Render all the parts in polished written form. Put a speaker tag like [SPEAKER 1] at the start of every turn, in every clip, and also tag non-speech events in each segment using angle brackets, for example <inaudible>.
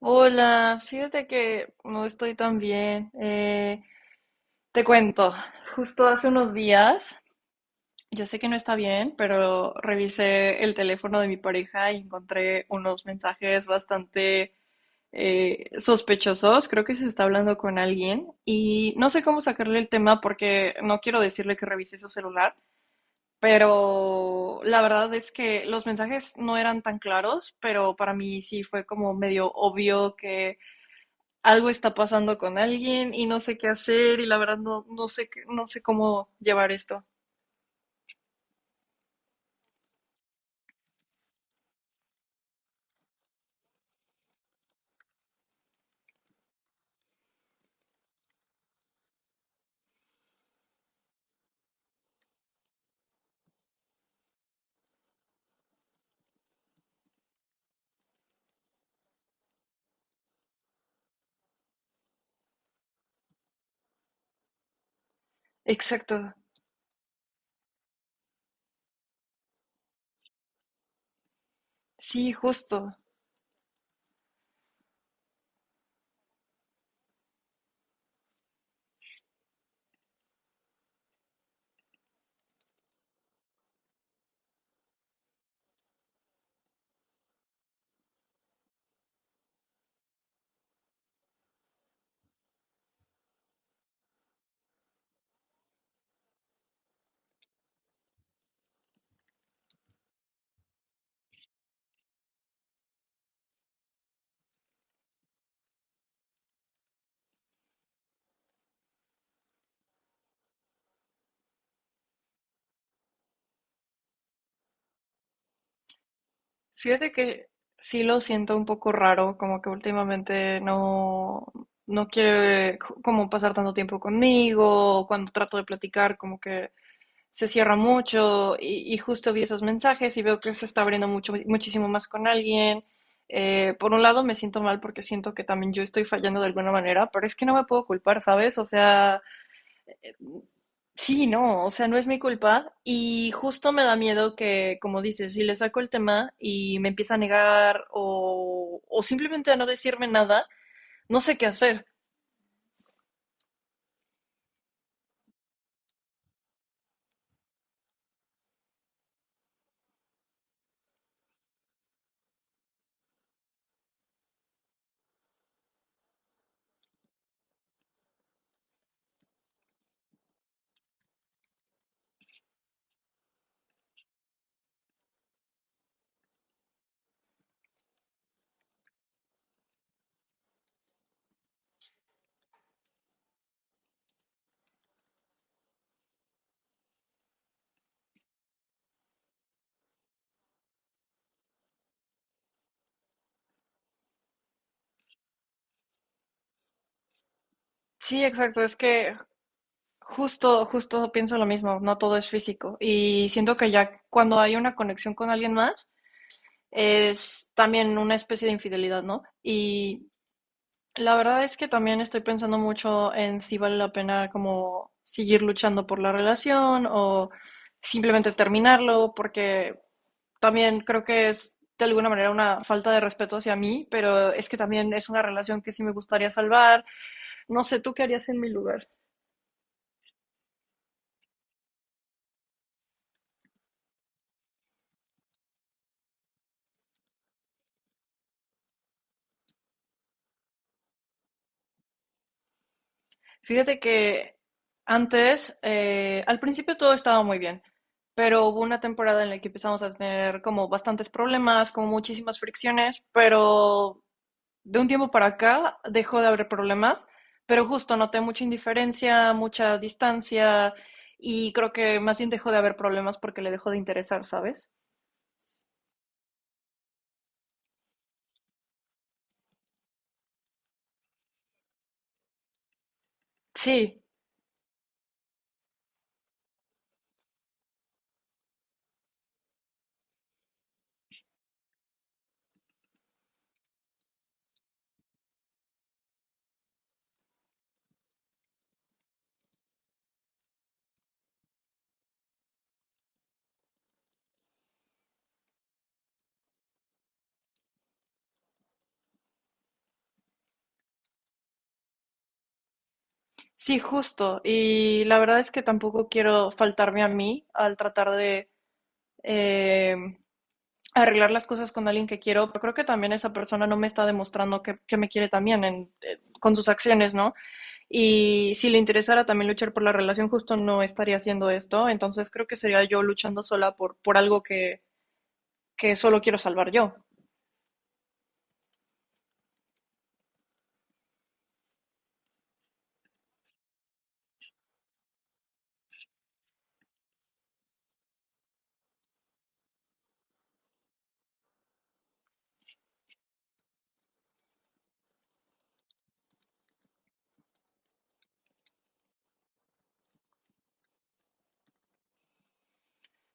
[SPEAKER 1] Hola, fíjate que no estoy tan bien. Te cuento, justo hace unos días, yo sé que no está bien, pero revisé el teléfono de mi pareja y encontré unos mensajes bastante sospechosos. Creo que se está hablando con alguien y no sé cómo sacarle el tema porque no quiero decirle que revise su celular, pero la verdad es que los mensajes no eran tan claros, pero para mí sí fue como medio obvio que algo está pasando con alguien y no sé qué hacer y la verdad no, no sé cómo llevar esto. Exacto, sí, justo. Fíjate que sí lo siento un poco raro, como que últimamente no quiere como pasar tanto tiempo conmigo, o cuando trato de platicar, como que se cierra mucho y justo vi esos mensajes y veo que se está abriendo mucho, muchísimo más con alguien. Por un lado me siento mal porque siento que también yo estoy fallando de alguna manera, pero es que no me puedo culpar, ¿sabes? O sea, sí, no, o sea, no es mi culpa y justo me da miedo que, como dices, si le saco el tema y me empieza a negar o simplemente a no decirme nada, no sé qué hacer. Sí, exacto, es que justo pienso lo mismo, no todo es físico. Y siento que ya cuando hay una conexión con alguien más, es también una especie de infidelidad, ¿no? Y la verdad es que también estoy pensando mucho en si vale la pena como seguir luchando por la relación o simplemente terminarlo, porque también creo que es de alguna manera una falta de respeto hacia mí, pero es que también es una relación que sí me gustaría salvar. No sé, ¿tú qué harías en mi lugar? Fíjate que antes, al principio todo estaba muy bien, pero hubo una temporada en la que empezamos a tener como bastantes problemas, como muchísimas fricciones, pero de un tiempo para acá dejó de haber problemas, pero justo noté mucha indiferencia, mucha distancia y creo que más bien dejó de haber problemas porque le dejó de interesar, ¿sabes? Sí, sí, justo. Y la verdad es que tampoco quiero faltarme a mí al tratar de... em, arreglar las cosas con alguien que quiero, pero creo que también esa persona no me está demostrando que me quiere también en, con sus acciones, ¿no? Y si le interesara también luchar por la relación, justo no estaría haciendo esto, entonces creo que sería yo luchando sola por algo que solo quiero salvar yo.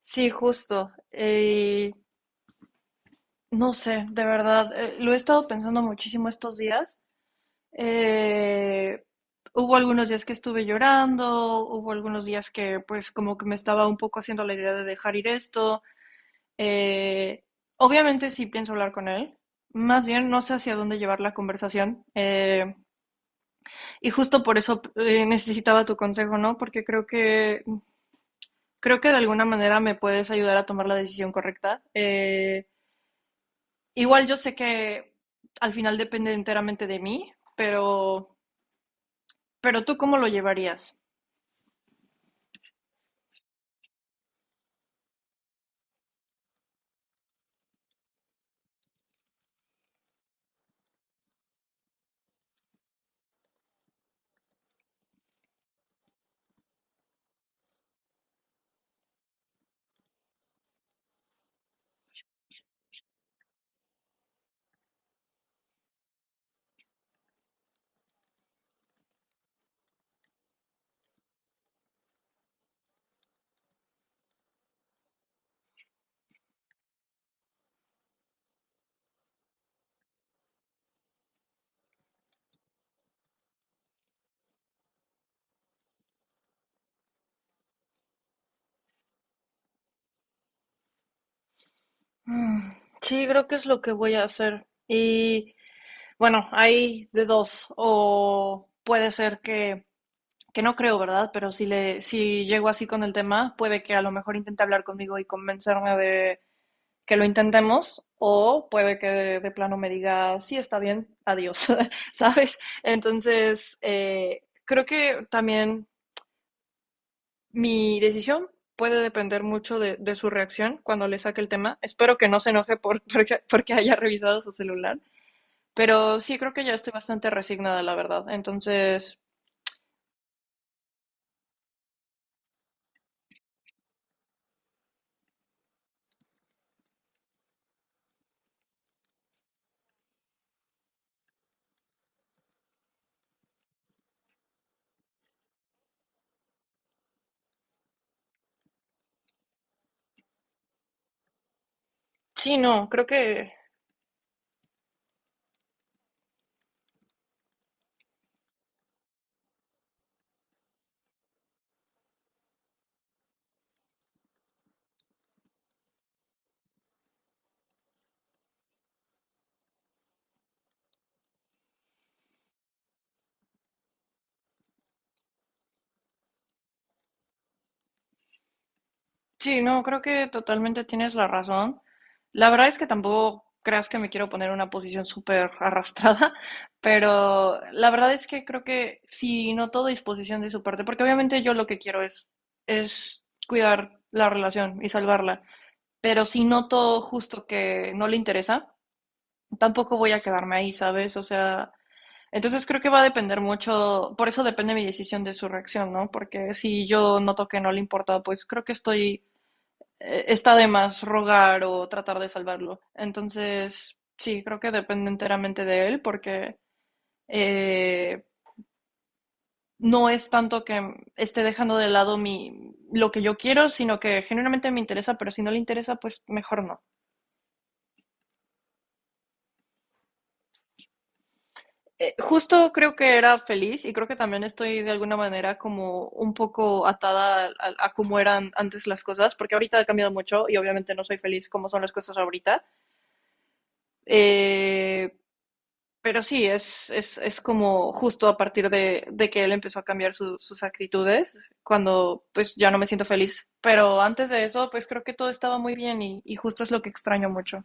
[SPEAKER 1] Sí, justo. No sé, de verdad, lo he estado pensando muchísimo estos días. Eh, Hubo algunos días que estuve llorando, hubo algunos días que pues como que me estaba un poco haciendo la idea de dejar ir esto. Eh, Obviamente sí pienso hablar con él. Más bien no sé hacia dónde llevar la conversación. Y justo por eso necesitaba tu consejo, ¿no? Porque creo que de alguna manera me puedes ayudar a tomar la decisión correcta. Igual yo sé que al final depende enteramente de mí, pero, ¿pero tú cómo lo llevarías? Sí, creo que es lo que voy a hacer. Y bueno, hay de dos. O puede ser que no creo, ¿verdad? Pero si, le, si llego así con el tema, puede que a lo mejor intente hablar conmigo y convencerme de que lo intentemos, o puede que de plano me diga, sí, está bien, adiós, <laughs> ¿sabes? Entonces, creo que también mi decisión puede depender mucho de su reacción cuando le saque el tema. Espero que no se enoje por, <laughs> porque haya revisado su celular, pero sí creo que ya estoy bastante resignada, la verdad. Entonces, sí, no, creo que sí, no, creo que totalmente tienes la razón. La verdad es que tampoco creas que me quiero poner en una posición súper arrastrada, <laughs> pero la verdad es que creo que sí noto disposición de su parte, porque obviamente yo lo que quiero es cuidar la relación y salvarla, pero si noto justo que no le interesa, tampoco voy a quedarme ahí, ¿sabes? O sea, entonces creo que va a depender mucho, por eso depende mi decisión de su reacción, ¿no? Porque si yo noto que no le importa, pues creo que estoy está de más rogar o tratar de salvarlo. Entonces, sí, creo que depende enteramente de él porque eh, no es tanto que esté dejando de lado mi, lo que yo quiero, sino que genuinamente me interesa, pero si no le interesa, pues mejor no. Justo creo que era feliz y creo que también estoy de alguna manera como un poco atada a cómo eran antes las cosas, porque ahorita ha cambiado mucho y obviamente no soy feliz como son las cosas ahorita. Eh, pero sí, es como justo a partir de que él empezó a cambiar su- sus actitudes, cuando pues ya no me siento feliz. Pero antes de eso, pues creo que todo estaba muy bien y justo es lo que extraño mucho.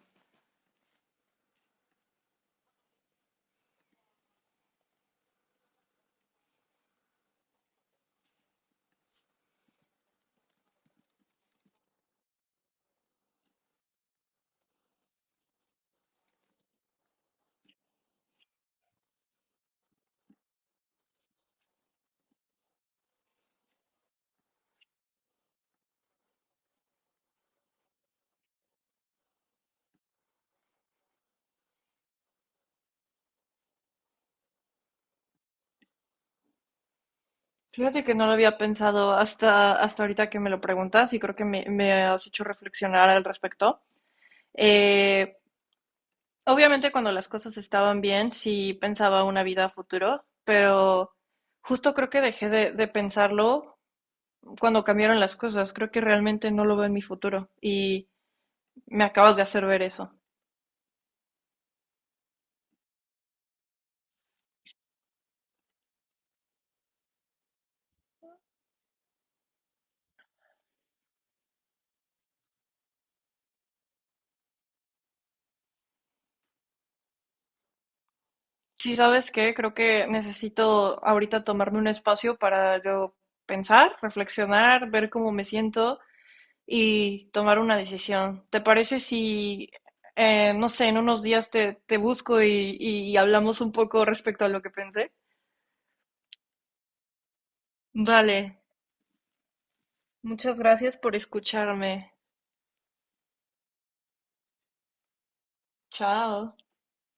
[SPEAKER 1] Fíjate que no lo había pensado hasta, hasta ahorita que me lo preguntas y creo que me has hecho reflexionar al respecto. Eh, Obviamente cuando las cosas estaban bien, sí pensaba una vida a futuro, pero justo creo que dejé de pensarlo cuando cambiaron las cosas. Creo que realmente no lo veo en mi futuro y me acabas de hacer ver eso. Sí, ¿sabes qué? Creo que necesito ahorita tomarme un espacio para yo pensar, reflexionar, ver cómo me siento y tomar una decisión. ¿Te parece si, no sé, en unos días te, te busco y hablamos un poco respecto a lo que pensé? Vale, muchas gracias por escucharme. Chao.